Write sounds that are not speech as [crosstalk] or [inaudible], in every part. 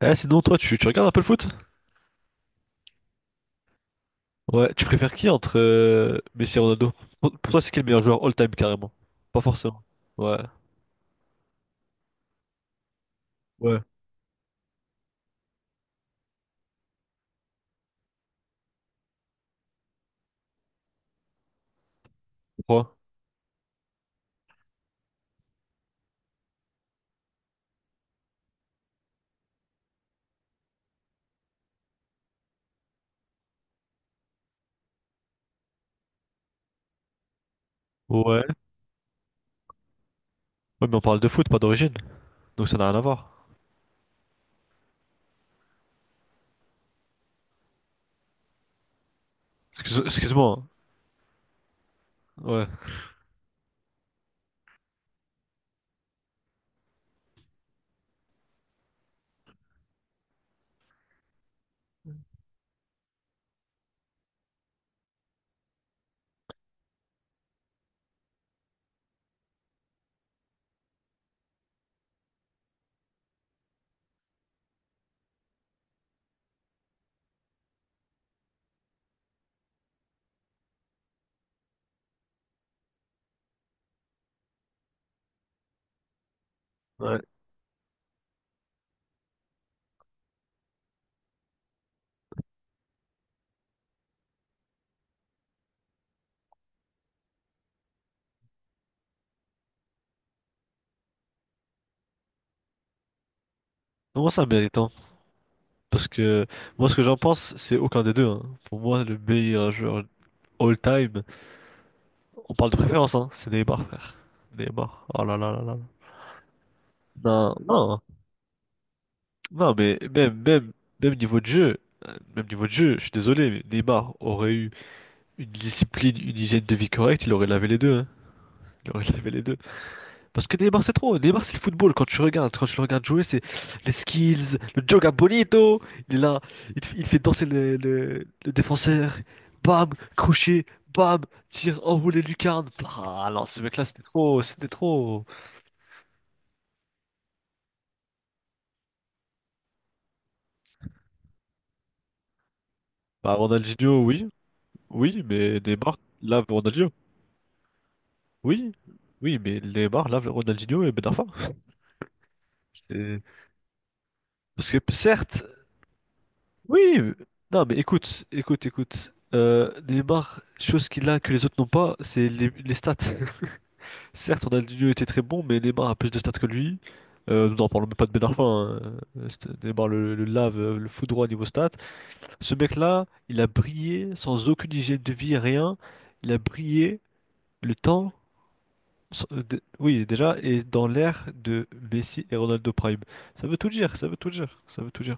Sinon, toi, tu regardes un peu le foot? Ouais, tu préfères qui entre Messi et Ronaldo? Pour toi, c'est qui le meilleur joueur all-time carrément? Pas forcément. Ouais. Ouais. Pourquoi? Ouais. Ouais, mais on parle de foot, pas d'origine. Donc ça n'a rien à voir. Excuse-moi. Hein. Ouais. Ouais. Non, moi, c'est un méritant. Parce que moi, ce que j'en pense, c'est aucun des deux. Hein. Pour moi, le meilleur joueur all-time, on parle de préférence, hein. C'est Neymar, frère. Neymar. Oh là là là là. Non, non. Non, mais même niveau de jeu, même niveau de jeu, je suis désolé, mais Neymar aurait eu une discipline, une hygiène de vie correcte, il aurait lavé les deux, hein. Il aurait [laughs] lavé les deux. Parce que Neymar, c'est trop. Neymar, c'est le football. Quand tu regardes, quand tu le regardes jouer, c'est les skills, le joga bonito. Il est là, il fait danser le défenseur. Bam, crochet, bam, tir, enroulé lucarne. Ah non, ce mec-là, c'était trop, c'était trop. Bah, Ronaldinho, oui, oui, mais Neymar, là, Ronaldinho. Oui, oui, mais Neymar lave le Ronaldinho et Ben Arfa. C'est- Parce que certes, oui, non, mais écoute, écoute, écoute. Neymar, chose qu'il a que les autres n'ont pas, c'est les stats. [laughs] Certes, Ronaldinho était très bon, mais Neymar a plus de stats que lui. Nous n'en parlons même pas de Ben Arfa. Hein. Neymar le lave, le foudroie niveau stats. Ce mec-là, il a brillé sans aucune hygiène de vie, rien. Il a brillé le temps oui, déjà, et dans l'ère de Messi et Ronaldo Prime. Ça veut tout dire, ça veut tout dire, ça veut tout dire.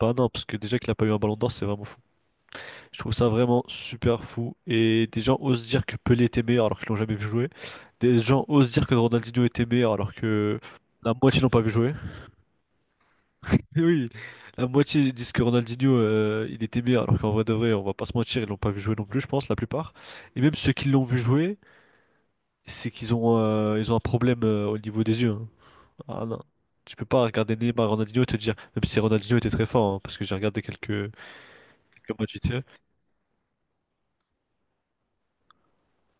Bah non, parce que déjà qu'il a pas eu un ballon d'or, c'est vraiment fou. Je trouve ça vraiment super fou. Et des gens osent dire que Pelé était meilleur alors qu'ils l'ont jamais vu jouer. Des gens osent dire que Ronaldinho était meilleur alors que la moitié l'ont pas vu jouer. [laughs] Oui, la moitié disent que Ronaldinho, il était meilleur alors qu'en vrai de vrai, on va pas se mentir, ils l'ont pas vu jouer non plus, je pense, la plupart. Et même ceux qui l'ont vu jouer, c'est qu'ils ont, ils ont un problème, au niveau des yeux. Hein. Ah non. Tu peux pas regarder Neymar, Ronaldinho et te dire, même si Ronaldinho était très fort, hein, parce que j'ai regardé quelques, quelques matchs vite fait,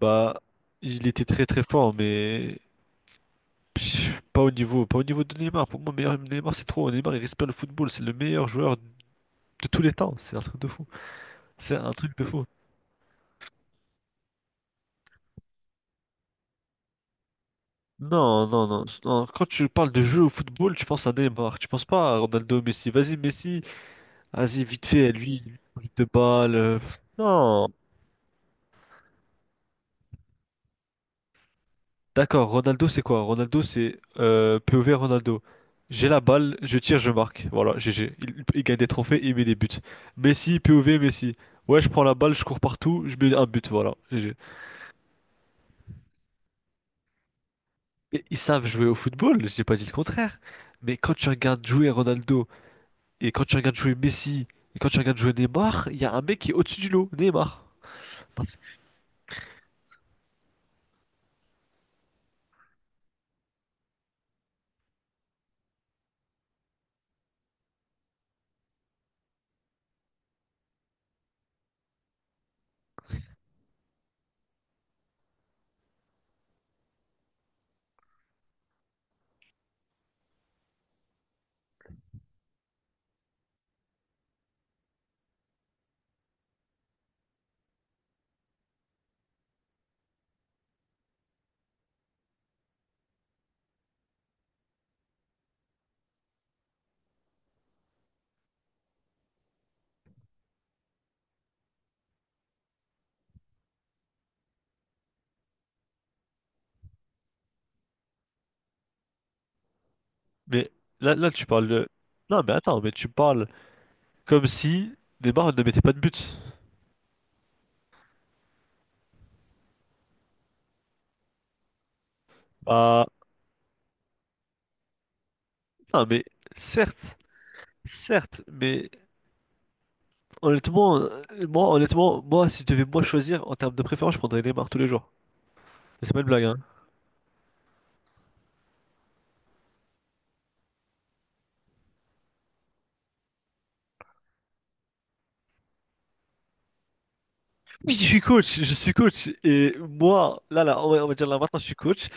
bah, il était très très fort, mais [laughs] pff, pas au niveau de Neymar. Pour moi, meilleur Neymar, c'est trop. Neymar, il respire le football, c'est le meilleur joueur de tous les temps. C'est un truc de fou. C'est un truc de fou. Non, non, non, non. Quand tu parles de jeu au football, tu penses à Neymar, tu penses pas à Ronaldo, Messi. Vas-y, Messi, vas-y, vite fait, lui, de balle. Non. D'accord, Ronaldo c'est quoi? Ronaldo c'est POV Ronaldo. J'ai la balle, je tire, je marque. Voilà, GG. Il gagne des trophées, il met des buts. Messi, POV, Messi. Ouais, je prends la balle, je cours partout, je mets un but, voilà, GG. Et ils savent jouer au football, j'ai pas dit le contraire. Mais quand tu regardes jouer Ronaldo, et quand tu regardes jouer Messi, et quand tu regardes jouer Neymar, il y a un mec qui est au-dessus du lot, Neymar. Parce- Mais là, là tu parles de... Non mais attends, mais tu parles comme si Neymar ne mettait pas de but. Bah... Non mais... Certes, certes, mais honnêtement, moi, honnêtement, moi, si je devais moi choisir en termes de préférence, je prendrais Neymar tous les jours. Mais c'est pas une blague, hein. Oui, je suis coach, je suis coach. Et moi, là, là, on va dire là maintenant, je suis coach.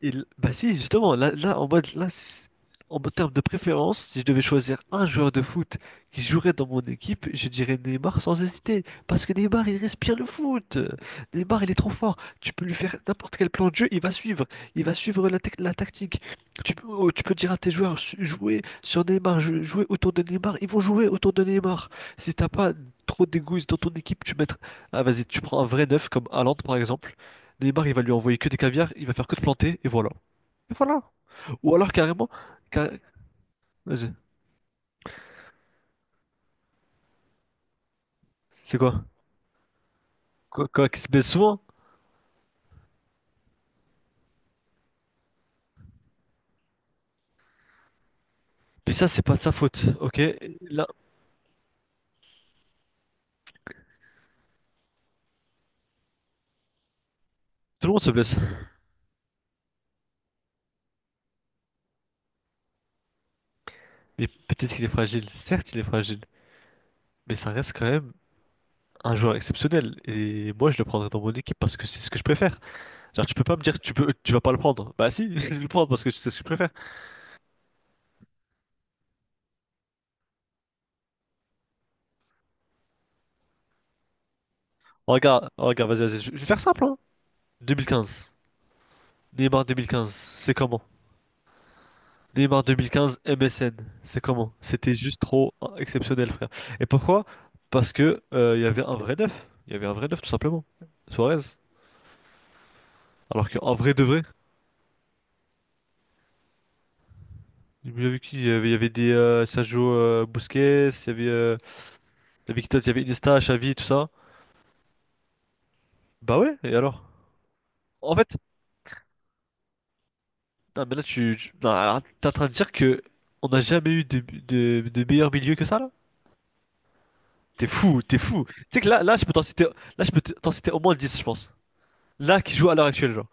Bah si, justement, là, là en mode, là, si- en mode terme de préférence, si je devais choisir un joueur de foot qui jouerait dans mon équipe, je dirais Neymar sans hésiter. Parce que Neymar, il respire le foot. Neymar, il est trop fort. Tu peux lui faire n'importe quel plan de jeu, il va suivre. Il va suivre la tactique. Tu peux, oh, tu peux dire à tes joueurs, jouez sur Neymar, jouez autour de Neymar. Ils vont jouer autour de Neymar. Si t'as pas trop d'égoïsme dans ton équipe, tu mets... Ah vas-y, tu prends un vrai neuf comme Haaland, par exemple. Neymar, il va lui envoyer que des caviars, il va faire que de planter, et voilà. Et voilà. Ou alors carrément, ca- vas-y, c'est quoi? Quoi, quoi, qu'il se blesse souvent? Mais ça, c'est pas de sa faute, ok? Là, tout le monde se blesse. Mais peut-être qu'il est fragile. Certes, il est fragile. Mais ça reste quand même un joueur exceptionnel. Et moi, je le prendrais dans mon équipe parce que c'est ce que je préfère. Genre, tu peux pas me dire que tu peux, tu vas pas le prendre. Bah si, [laughs] je vais le prendre parce que c'est ce que je préfère. Regarde, regarde, vas-y, vas-y, je vais faire simple, hein. 2015. Neymar 2015, c'est comment? Neymar 2015, MSN, c'est comment? C'était juste trop hein, exceptionnel, frère. Et pourquoi? Parce que il y avait un vrai neuf. Il y avait un vrai neuf, tout simplement. Suarez. Alors qu'en vrai de vrai, j'ai bien vu qu'il y avait, il y avait des Sergio Busquets, il y avait qui d'autre? Il y avait Iniesta, Xavi, tout ça. Bah ouais, et alors? En fait, non, mais là, non, alors, t'es en train de dire que on n'a jamais eu de meilleur milieu que ça, là? T'es fou, t'es fou. Tu sais que là, là, je peux t'en citer, là, je peux t'en citer au moins 10, je pense. Là, qui joue à l'heure actuelle, genre.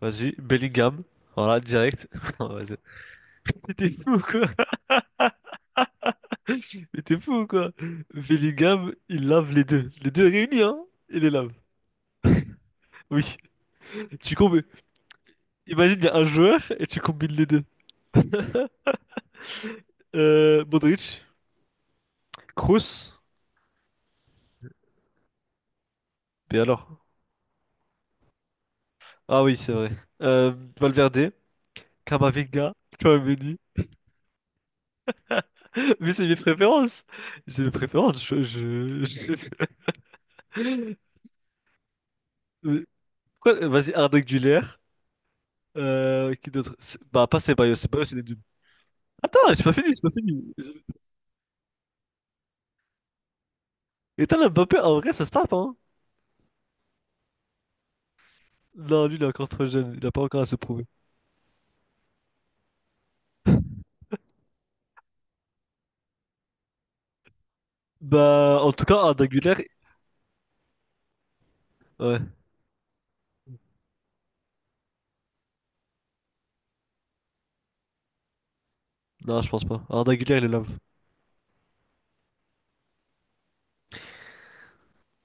Vas-y, Bellingham. Voilà, direct. [laughs] Non, vas-y. Mais t'es fou ou quoi? Mais t'es fou ou quoi? Bellingham, il lave les deux. Les deux réunis, hein? Il les lave. Oui. Tu combines. Imagine, il y a un joueur et tu combines les deux. Modric, Kroos. Mais alors? Ah oui, c'est vrai. Valverde, Camavinga, Tchouaméni. Mais c'est mes préférences. C'est mes préférences. Je- [laughs] Mais Vas-y, Arda Güler. Qui d'autre? Bah, pas Ceballos. Ceballos, il est nul. Attends, j'ai pas fini, j'ai pas fini. Et t'as Mbappé, en vrai, ça se tape, hein? Non, lui, il est encore trop jeune, il a pas encore à se prouver. Bah, en tout cas, Arda Güler, ouais. Non, je pense pas. Arda Güler, il est love.